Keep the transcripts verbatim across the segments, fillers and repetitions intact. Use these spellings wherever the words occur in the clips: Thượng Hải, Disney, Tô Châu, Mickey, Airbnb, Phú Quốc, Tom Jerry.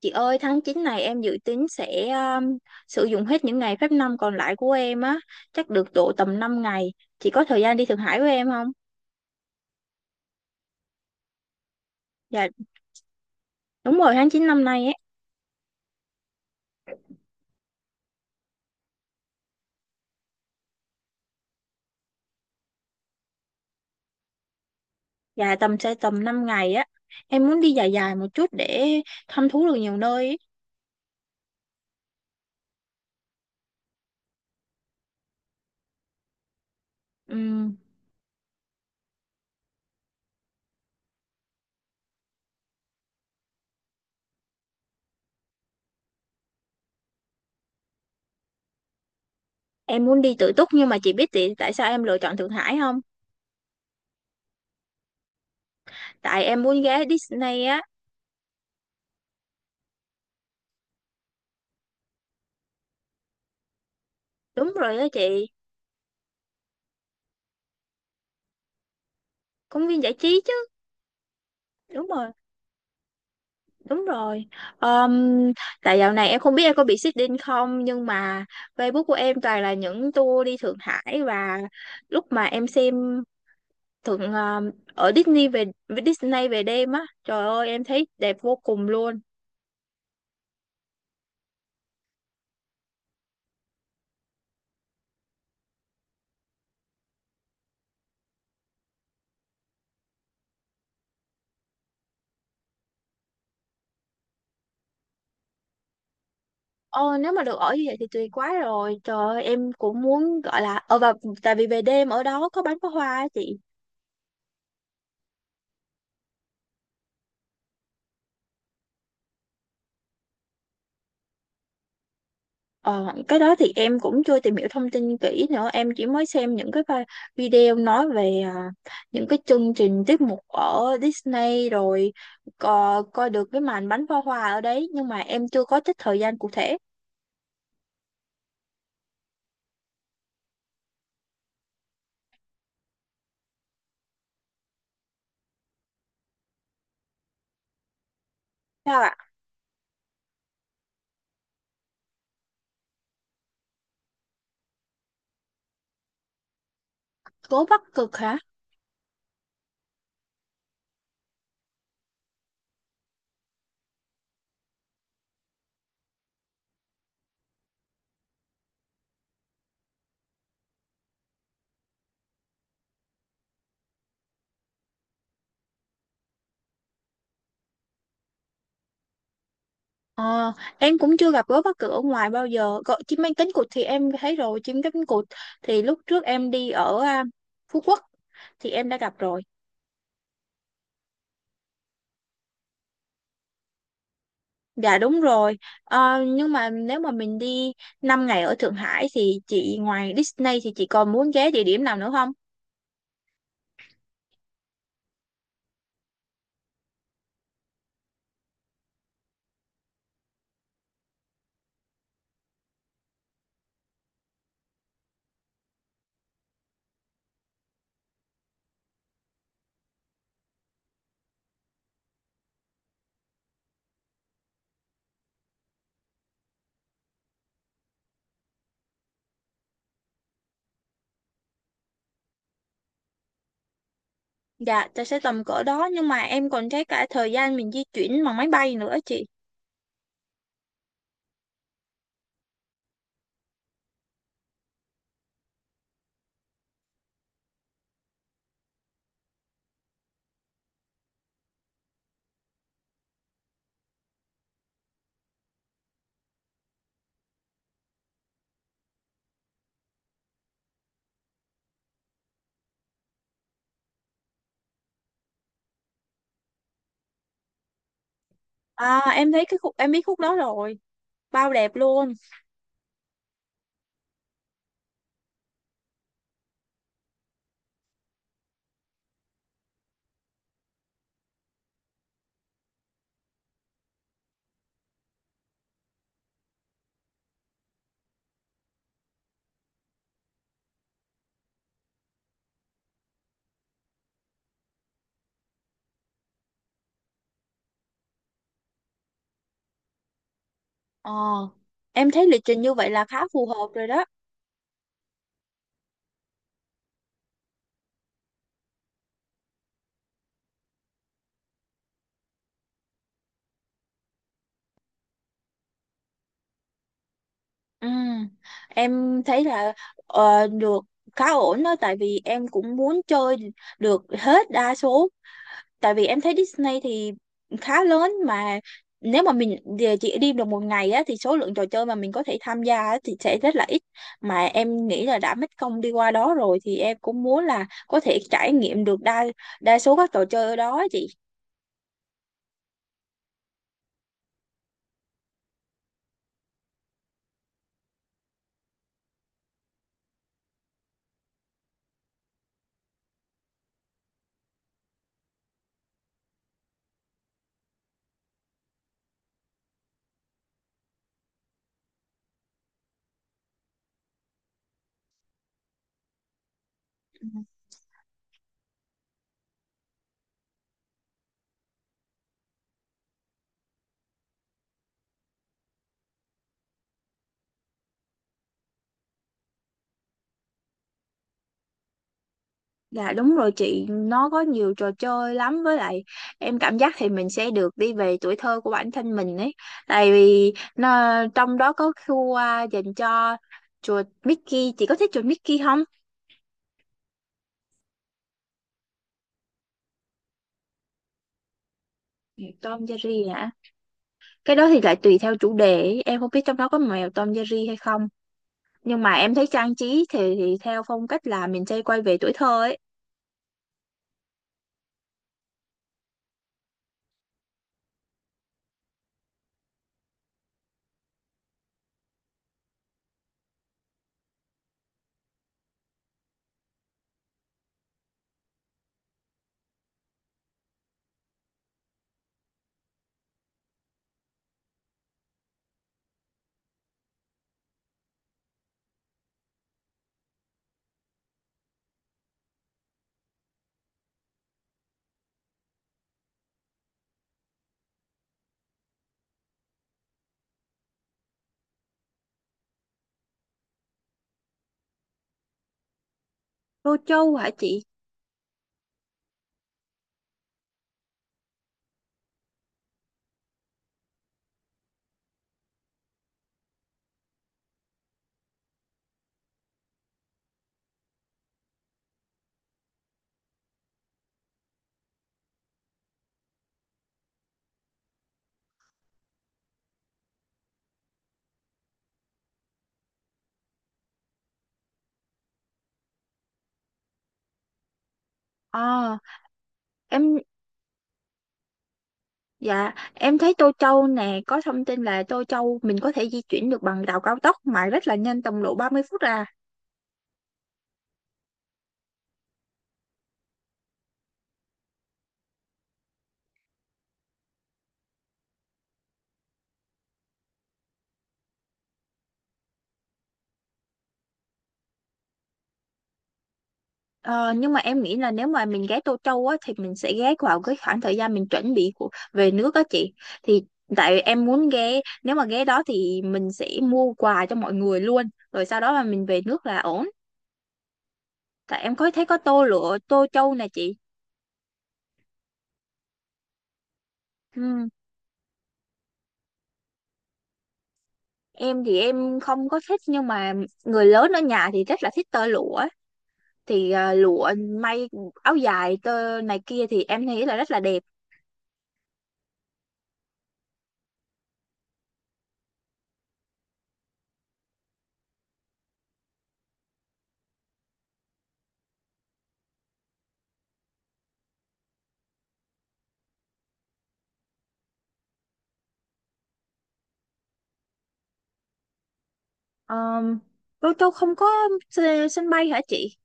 Chị ơi, tháng chín này em dự tính sẽ um, sử dụng hết những ngày phép năm còn lại của em á, chắc được độ tầm năm ngày. Chị có thời gian đi Thượng Hải với em không? Dạ, đúng rồi, tháng chín năm nay á. Dạ, tầm sẽ tầm năm ngày á. Em muốn đi dài dài một chút để thăm thú được nhiều nơi ấy. Ừm, em muốn đi tự túc, nhưng mà chị biết tại tại sao em lựa chọn Thượng Hải không? Tại em muốn ghé Disney á. Đúng rồi đó chị, công viên giải trí chứ. Đúng rồi. Đúng rồi. Ờm, Tại dạo này em không biết em có bị xích đinh không, nhưng mà Facebook của em toàn là những tour đi Thượng Hải, và lúc mà em xem thượng ờm, ở Disney về, Disney về đêm á, trời ơi em thấy đẹp vô cùng luôn. Ồ, nếu mà được ở như vậy thì tuyệt quá rồi. Trời ơi, em cũng muốn, gọi là ờ và tại vì về đêm ở đó có bắn pháo hoa á chị. Ờ, cái đó thì em cũng chưa tìm hiểu thông tin kỹ nữa, em chỉ mới xem những cái pha- video nói về à, những cái chương trình, tiết mục ở Disney, rồi co- coi được cái màn bắn pháo hoa ở đấy, nhưng mà em chưa có trích thời gian cụ thể. Sao ạ? Gấu Bắc Cực hả? Ờ, em cũng chưa gặp gấu Bắc Cực ở ngoài bao giờ. Gọi chim cánh cánh cụt thì em thấy rồi, chim cánh cánh cụt thì lúc trước em đi ở à, Phú Quốc thì em đã gặp rồi. Dạ đúng rồi. Ờ, nhưng mà nếu mà mình đi năm ngày ở Thượng Hải thì chị, ngoài Disney thì chị còn muốn ghé địa điểm nào nữa không? Dạ, ta sẽ tầm cỡ đó, nhưng mà em còn thấy cả thời gian mình di chuyển bằng máy bay nữa chị. À, em thấy cái khúc, em biết khúc đó rồi, bao đẹp luôn. Ờ, em thấy lịch trình như vậy là khá phù hợp rồi đó. Ừ, em thấy là ờ, được, khá ổn đó, tại vì em cũng muốn chơi được hết đa số, tại vì em thấy Disney thì khá lớn mà, nếu mà mình về chỉ đi được một ngày á thì số lượng trò chơi mà mình có thể tham gia á thì sẽ rất là ít, mà em nghĩ là đã mất công đi qua đó rồi thì em cũng muốn là có thể trải nghiệm được đa đa số các trò chơi ở đó á chị. Dạ đúng rồi chị, nó có nhiều trò chơi lắm, với lại em cảm giác thì mình sẽ được đi về tuổi thơ của bản thân mình ấy. Tại vì nó, trong đó có khu à, dành cho chuột Mickey, chị có thích chuột Mickey không? Tom Jerry hả? Cái đó thì lại tùy theo chủ đề, em không biết trong đó có mèo Tom Jerry hay không, nhưng mà em thấy trang trí thì, thì theo phong cách là mình sẽ quay về tuổi thơ ấy. Tô Châu hả chị? ờ em dạ, em thấy Tô Châu nè, có thông tin là Tô Châu mình có thể di chuyển được bằng tàu cao tốc mà rất là nhanh, tầm độ ba mươi phút à. Ờ, nhưng mà em nghĩ là nếu mà mình ghé Tô Châu á thì mình sẽ ghé vào cái khoảng thời gian mình chuẩn bị của về nước á chị, thì tại em muốn ghé, nếu mà ghé đó thì mình sẽ mua quà cho mọi người luôn, rồi sau đó mà mình về nước là ổn. Tại em có thấy có Tô Lụa Tô Châu nè chị. Ừ. Em thì em không có thích, nhưng mà người lớn ở nhà thì rất là thích tơ lụa á. Thì à, lụa may áo dài tơ này kia thì em thấy là rất là đẹp. Ờ, Tô Châu không có s- sân bay hả chị?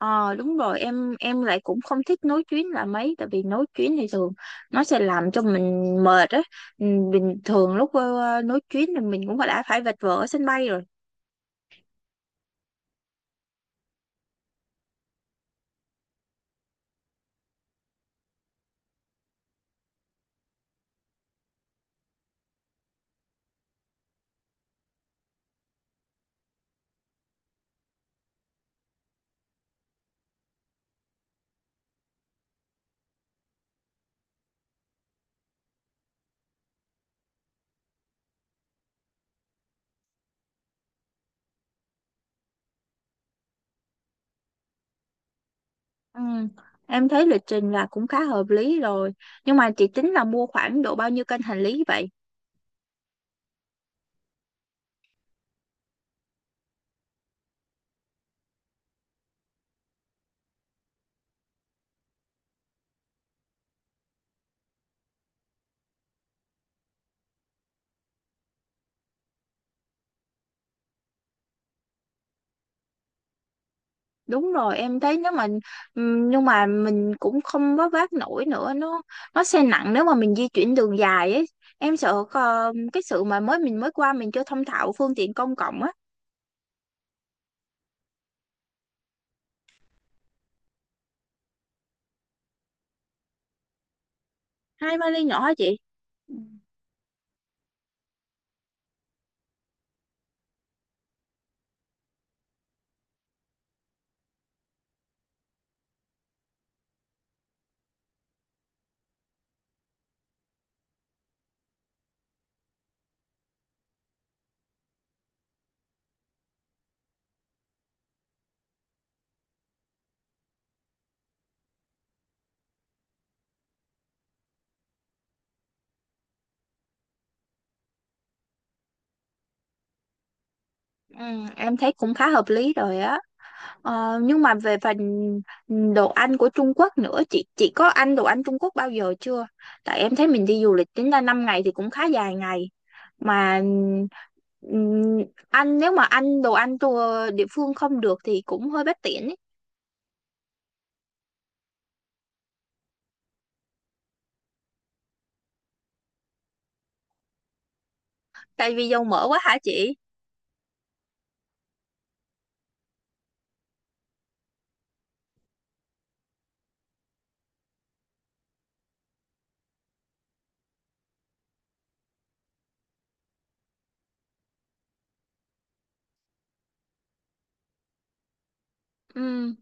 Ờ đúng rồi, em em lại cũng không thích nối chuyến là mấy, tại vì nối chuyến thì thường nó sẽ làm cho mình mệt á. Ừ, bình thường lúc ờ, nối chuyến thì mình cũng đã phải vật vờ ở sân bay rồi. Ừ. Em thấy lịch trình là cũng khá hợp lý rồi, nhưng mà chị tính là mua khoảng độ bao nhiêu cân hành lý vậy? Đúng rồi, em thấy nếu mà ừm, nhưng mà mình cũng không vác vác nổi nữa, nó nó sẽ nặng nếu mà mình di chuyển đường dài ấy. Em sợ ờ, cái sự mà mới mình mới qua mình chưa thông thạo phương tiện công cộng á. Hai vali nhỏ hả chị? Ừ, em thấy cũng khá hợp lý rồi á. Ờ, nhưng mà về phần đồ ăn của Trung Quốc nữa, chị chị có ăn đồ ăn Trung Quốc bao giờ chưa? Tại em thấy mình đi du lịch tính ra năm ngày thì cũng khá dài ngày mà ừm, ăn, nếu mà ăn đồ ăn tour địa phương không được thì cũng hơi bất tiện ấy. Tại vì dầu mỡ quá hả chị? Ừ.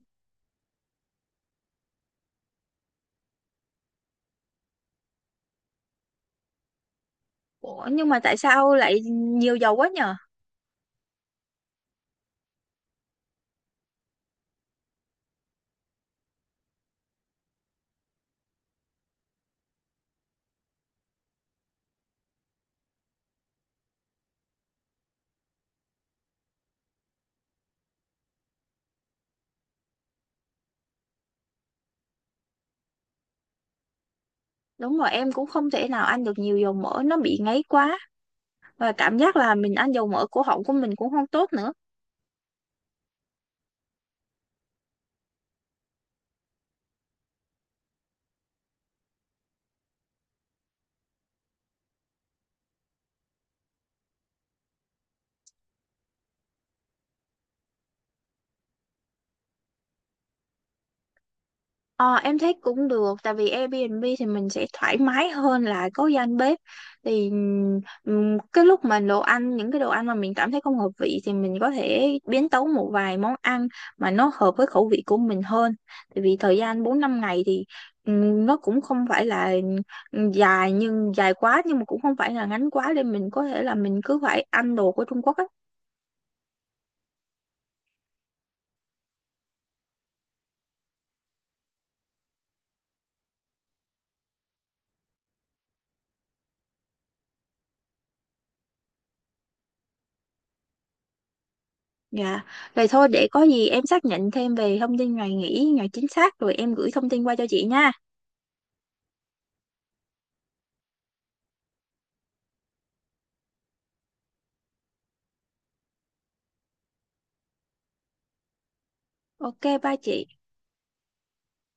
Ủa, nhưng mà tại sao lại nhiều dầu quá nhờ? Đúng rồi, em cũng không thể nào ăn được nhiều dầu mỡ, nó bị ngấy quá, và cảm giác là mình ăn dầu mỡ cổ họng của mình cũng không tốt nữa. Ờ, em thấy cũng được, tại vì Airbnb thì mình sẽ thoải mái hơn là có gian bếp, thì ừm, cái lúc mà đồ ăn, những cái đồ ăn mà mình cảm thấy không hợp vị thì mình có thể biến tấu một vài món ăn mà nó hợp với khẩu vị của mình hơn, tại vì thời gian bốn năm ngày thì ừm, nó cũng không phải là dài nhưng dài quá, nhưng mà cũng không phải là ngắn quá, nên mình có thể là mình cứ phải ăn đồ của Trung Quốc á. Dạ, rồi thôi, để có gì em xác nhận thêm về thông tin ngày nghỉ, ngày chính xác rồi em gửi thông tin qua cho chị nha. Ok, bye chị.